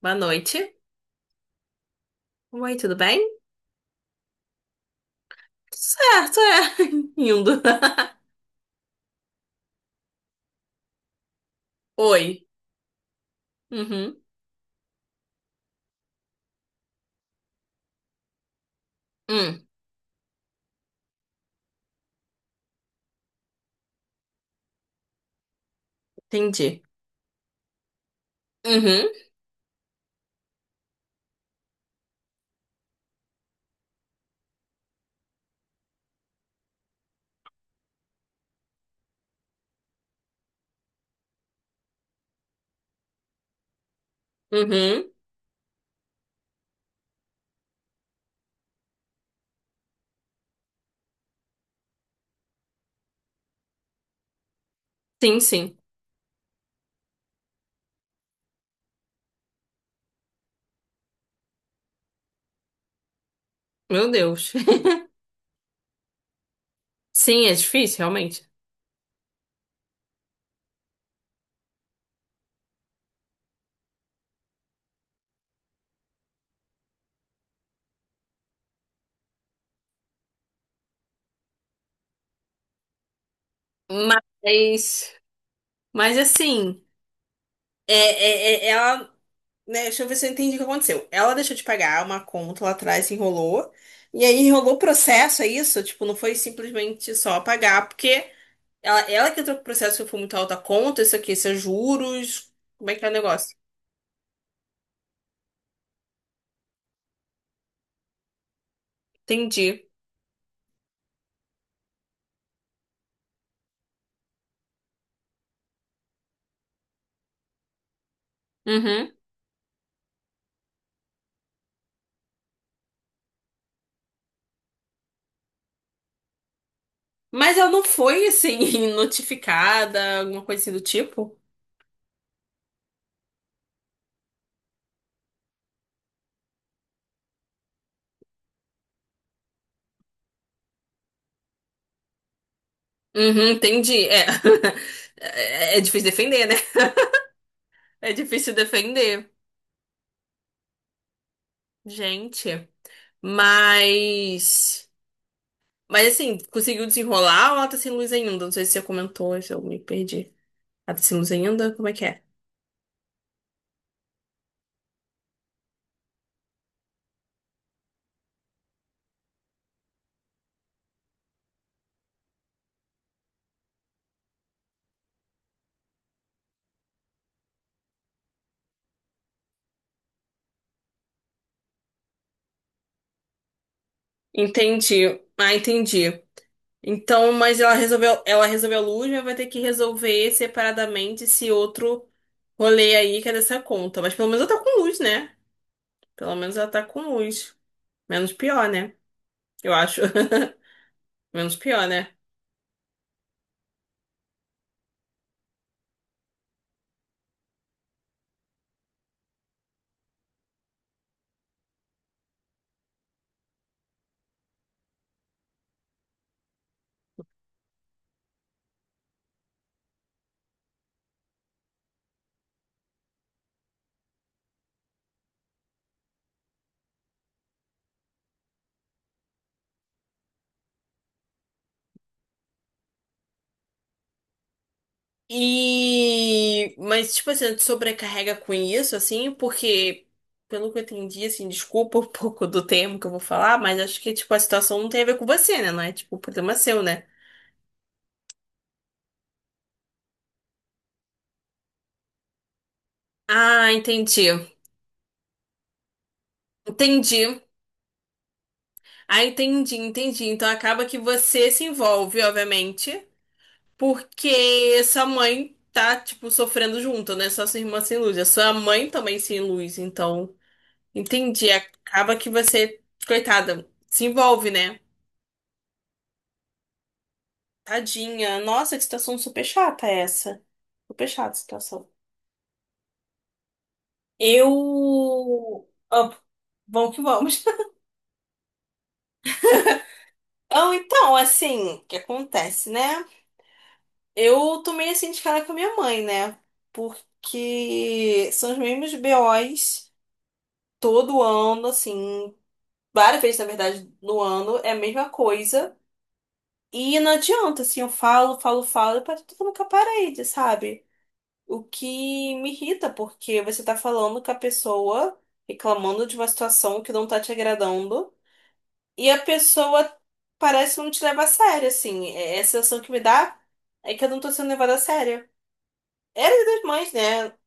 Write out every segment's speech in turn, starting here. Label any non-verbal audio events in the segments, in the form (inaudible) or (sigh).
Boa noite. Oi, tudo bem? Certo, é. (laughs) Indo. (laughs) Oi. Uhum. Hum, entendi. Uhum. Uhum. Sim, sim. Meu Deus. (laughs) Sim, é difícil, realmente. Mas, mas assim, é, é, é- ela, né, deixa eu ver se eu entendi o que aconteceu. Ela deixou de pagar uma conta lá atrás, se enrolou. E aí enrolou o processo, é isso? Tipo, não foi simplesmente só pagar, porque ela que entrou com o processo que foi muito alta conta, isso aqui, isso é juros. Como é que é o negócio? Entendi. Uhum. Mas ela não foi, assim, (laughs) notificada, alguma coisa assim do tipo? Uhum, entendi. É. (laughs) É difícil defender, né? É difícil defender. Gente. Mas. Mas assim, conseguiu desenrolar ou ela tá sem luz ainda? Não sei se você comentou, se eu me perdi. Ela tá sem luz ainda? Como é que é? Entendi. Ah, entendi. Então, mas ela resolveu a luz, mas vai ter que resolver separadamente esse outro rolê aí que é dessa conta. Mas pelo menos ela tá com luz, né? Pelo menos ela tá com luz. Menos pior, né? Eu acho. (laughs) Menos pior, né? E. Mas, tipo assim, te sobrecarrega com isso, assim, porque, pelo que eu entendi, assim, desculpa (laughs) um pouco do termo que eu vou falar, mas acho que, tipo, a situação não tem a ver com você, né? Não é, tipo, problema é seu, né? Ah, entendi. Entendi. Ah, entendi. Então acaba que você se envolve, obviamente, porque sua mãe tá, tipo, sofrendo junto, né? Só sua irmã sem luz. A sua mãe também sem luz, então. Entendi. Acaba que você, coitada, se envolve, né? Tadinha. Nossa, que situação super chata essa. Super chata a situação. Eu. Ah, vamos que vamos. (laughs) Ah, então, assim, o que acontece, né? Eu tomei assim de cara com a minha mãe, né? Porque são os mesmos BOs todo ano, assim, várias vezes, na verdade, no ano, é a mesma coisa. E não adianta, assim, eu falo, e parece que eu tô falando com a parede, sabe? O que me irrita, porque você tá falando com a pessoa, reclamando de uma situação que não tá te agradando, e a pessoa parece não te leva a sério, assim. É a sensação que me dá é que eu não tô sendo levada a sério. Era de das mães, né?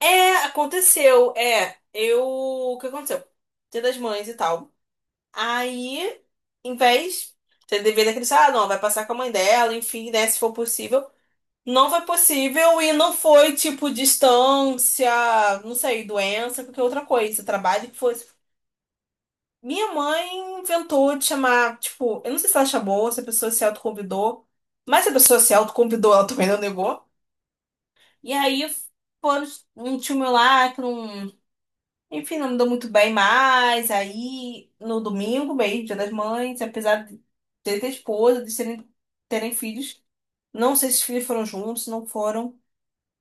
É, aconteceu. É, eu. O que aconteceu? Dia das mães e tal. Aí, em vez de dever daquele, ah, não, vai passar com a mãe dela, enfim, né, se for possível. Não foi possível e não foi tipo distância, não sei, doença, qualquer outra coisa, trabalho que fosse. Minha mãe inventou de chamar, tipo, eu não sei se ela chamou, se a pessoa se autoconvidou, mas se a pessoa se autoconvidou, ela também não negou. E aí, foram um tio meu lá, que não. Enfim, não me dou muito bem mais. Aí, no domingo mesmo, Dia das Mães, apesar de ter esposa, de serem, terem filhos, não sei se os filhos foram juntos, se não foram.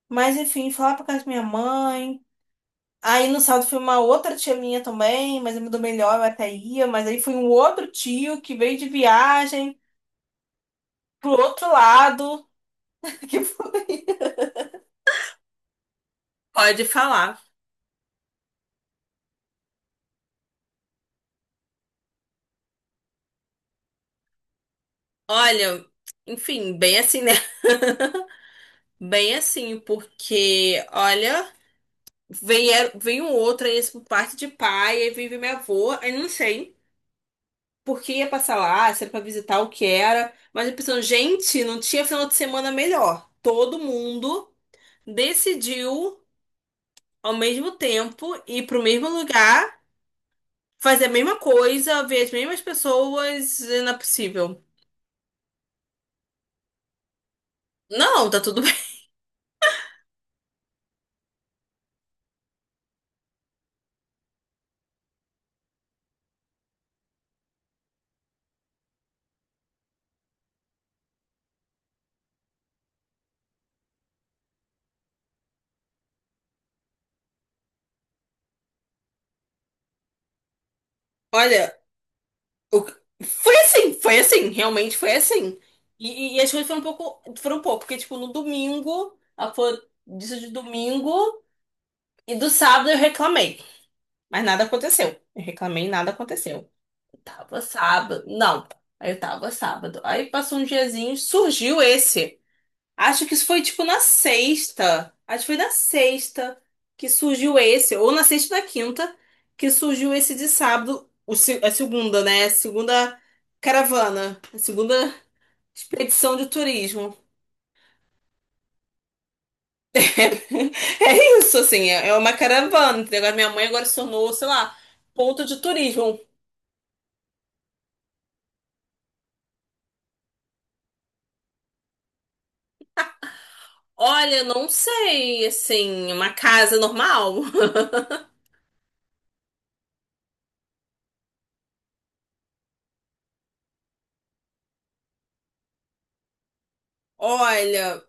Mas, enfim, fui lá pra casa da minha mãe. Aí, no sábado, foi uma outra tia minha também, mas eu me dou melhor, eu até ia. Mas aí foi um outro tio que veio de viagem pro outro lado. (laughs) Que foi... Pode falar. Olha, enfim, bem assim, né? Bem assim, porque, olha. Vem, é, vem um outro, aí esse por parte de pai, aí vem minha avó, aí não sei por que ia passar lá, se era pra visitar o que era, mas eu pensando, gente, não tinha final de semana melhor. Todo mundo decidiu ao mesmo tempo ir pro mesmo lugar, fazer a mesma coisa, ver as mesmas pessoas, e não é possível. Não, tá tudo bem. (laughs) Olha, O- realmente foi assim. E, e as coisas foram um pouco, porque tipo, no domingo, ela falou disso de domingo, e do sábado eu reclamei, mas nada aconteceu. Eu reclamei, nada aconteceu. Tava sábado, não, aí eu tava sábado. Aí passou um diazinho, surgiu esse. Acho que isso foi tipo na sexta. Acho que foi na sexta que surgiu esse, ou na sexta ou na quinta, que surgiu esse de sábado, o, se- a segunda, né? Segunda caravana, a segunda expedição de turismo. (laughs) É isso, assim, é uma caravana. Entendeu? Agora minha mãe agora se tornou, sei lá, ponto de turismo. Olha, não sei, assim, uma casa normal. (laughs) Olha,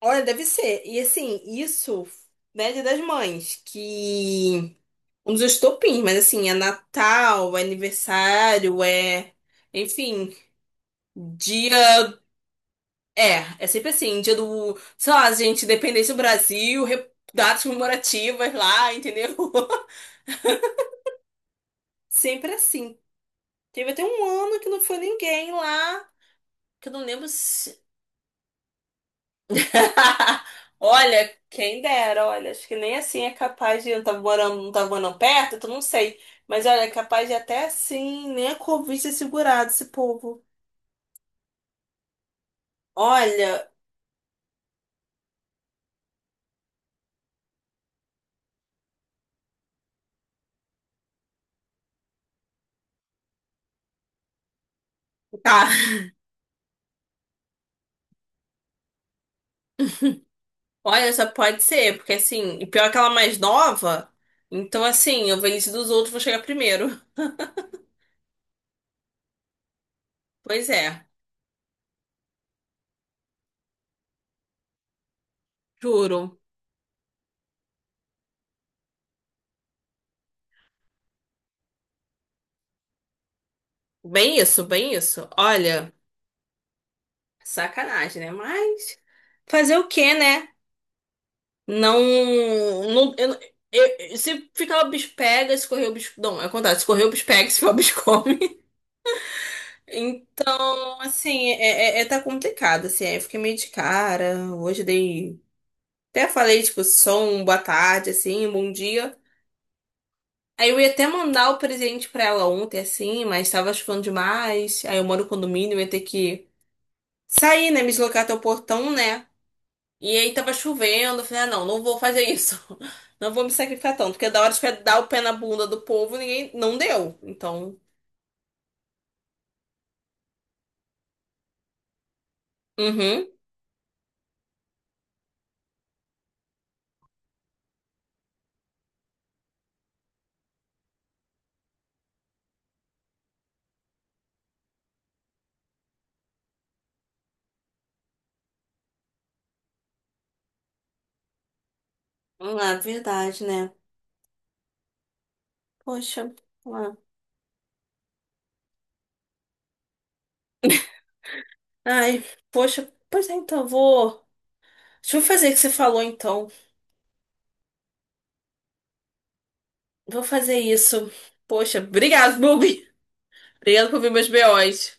olha, deve ser. E assim, isso, né, Dia das Mães, que. Um dos estopins, mas assim, é Natal, é aniversário, é. Enfim, dia. É, é sempre assim, dia do. Sei lá, gente, independência do Brasil, re- datas comemorativas lá, entendeu? (laughs) Sempre assim. Teve até um ano que não foi ninguém lá, que eu não lembro se. (laughs) Olha, quem dera, olha, acho que nem assim é capaz de. Eu não tava morando, Não tava morando perto, então não sei. Mas olha, é capaz de até assim, nem a Covid ter segurado esse povo. Olha. Tá. Olha, só pode ser, porque assim, e pior que ela é mais nova, então assim, eu velhice dos outros vou chegar primeiro. Pois é, juro. Bem isso, bem isso. Olha, sacanagem, né? Mas fazer o quê, né? Não, não, eu, se ficar o bicho pega, se correr o bicho, não, é o contrário, se correr o bicho pega, (laughs) se ficar o bicho come. Então, assim, tá complicado, assim, aí eu fiquei meio de cara. Hoje dei, até falei, tipo, som, boa tarde, assim, um bom dia. Aí eu ia até mandar o presente pra ela ontem, assim, mas tava chovendo demais. Aí eu moro no condomínio, eu ia ter que sair, né? Me deslocar até o portão, né? E aí tava chovendo. Eu falei, ah, não, não vou fazer isso. (laughs) Não vou me sacrificar tanto. Porque da hora de dar o pé na bunda do povo, ninguém não deu. Então, uhum. Ah, verdade, né? Poxa. Ah. Ai, poxa. Pois é, então, eu vou. Deixa eu fazer o que você falou, então. Vou fazer isso. Poxa, obrigado, Bubi. (laughs) Obrigado por ouvir meus BOs.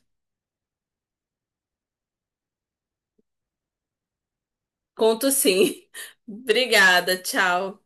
Conto sim. (laughs) Obrigada, tchau.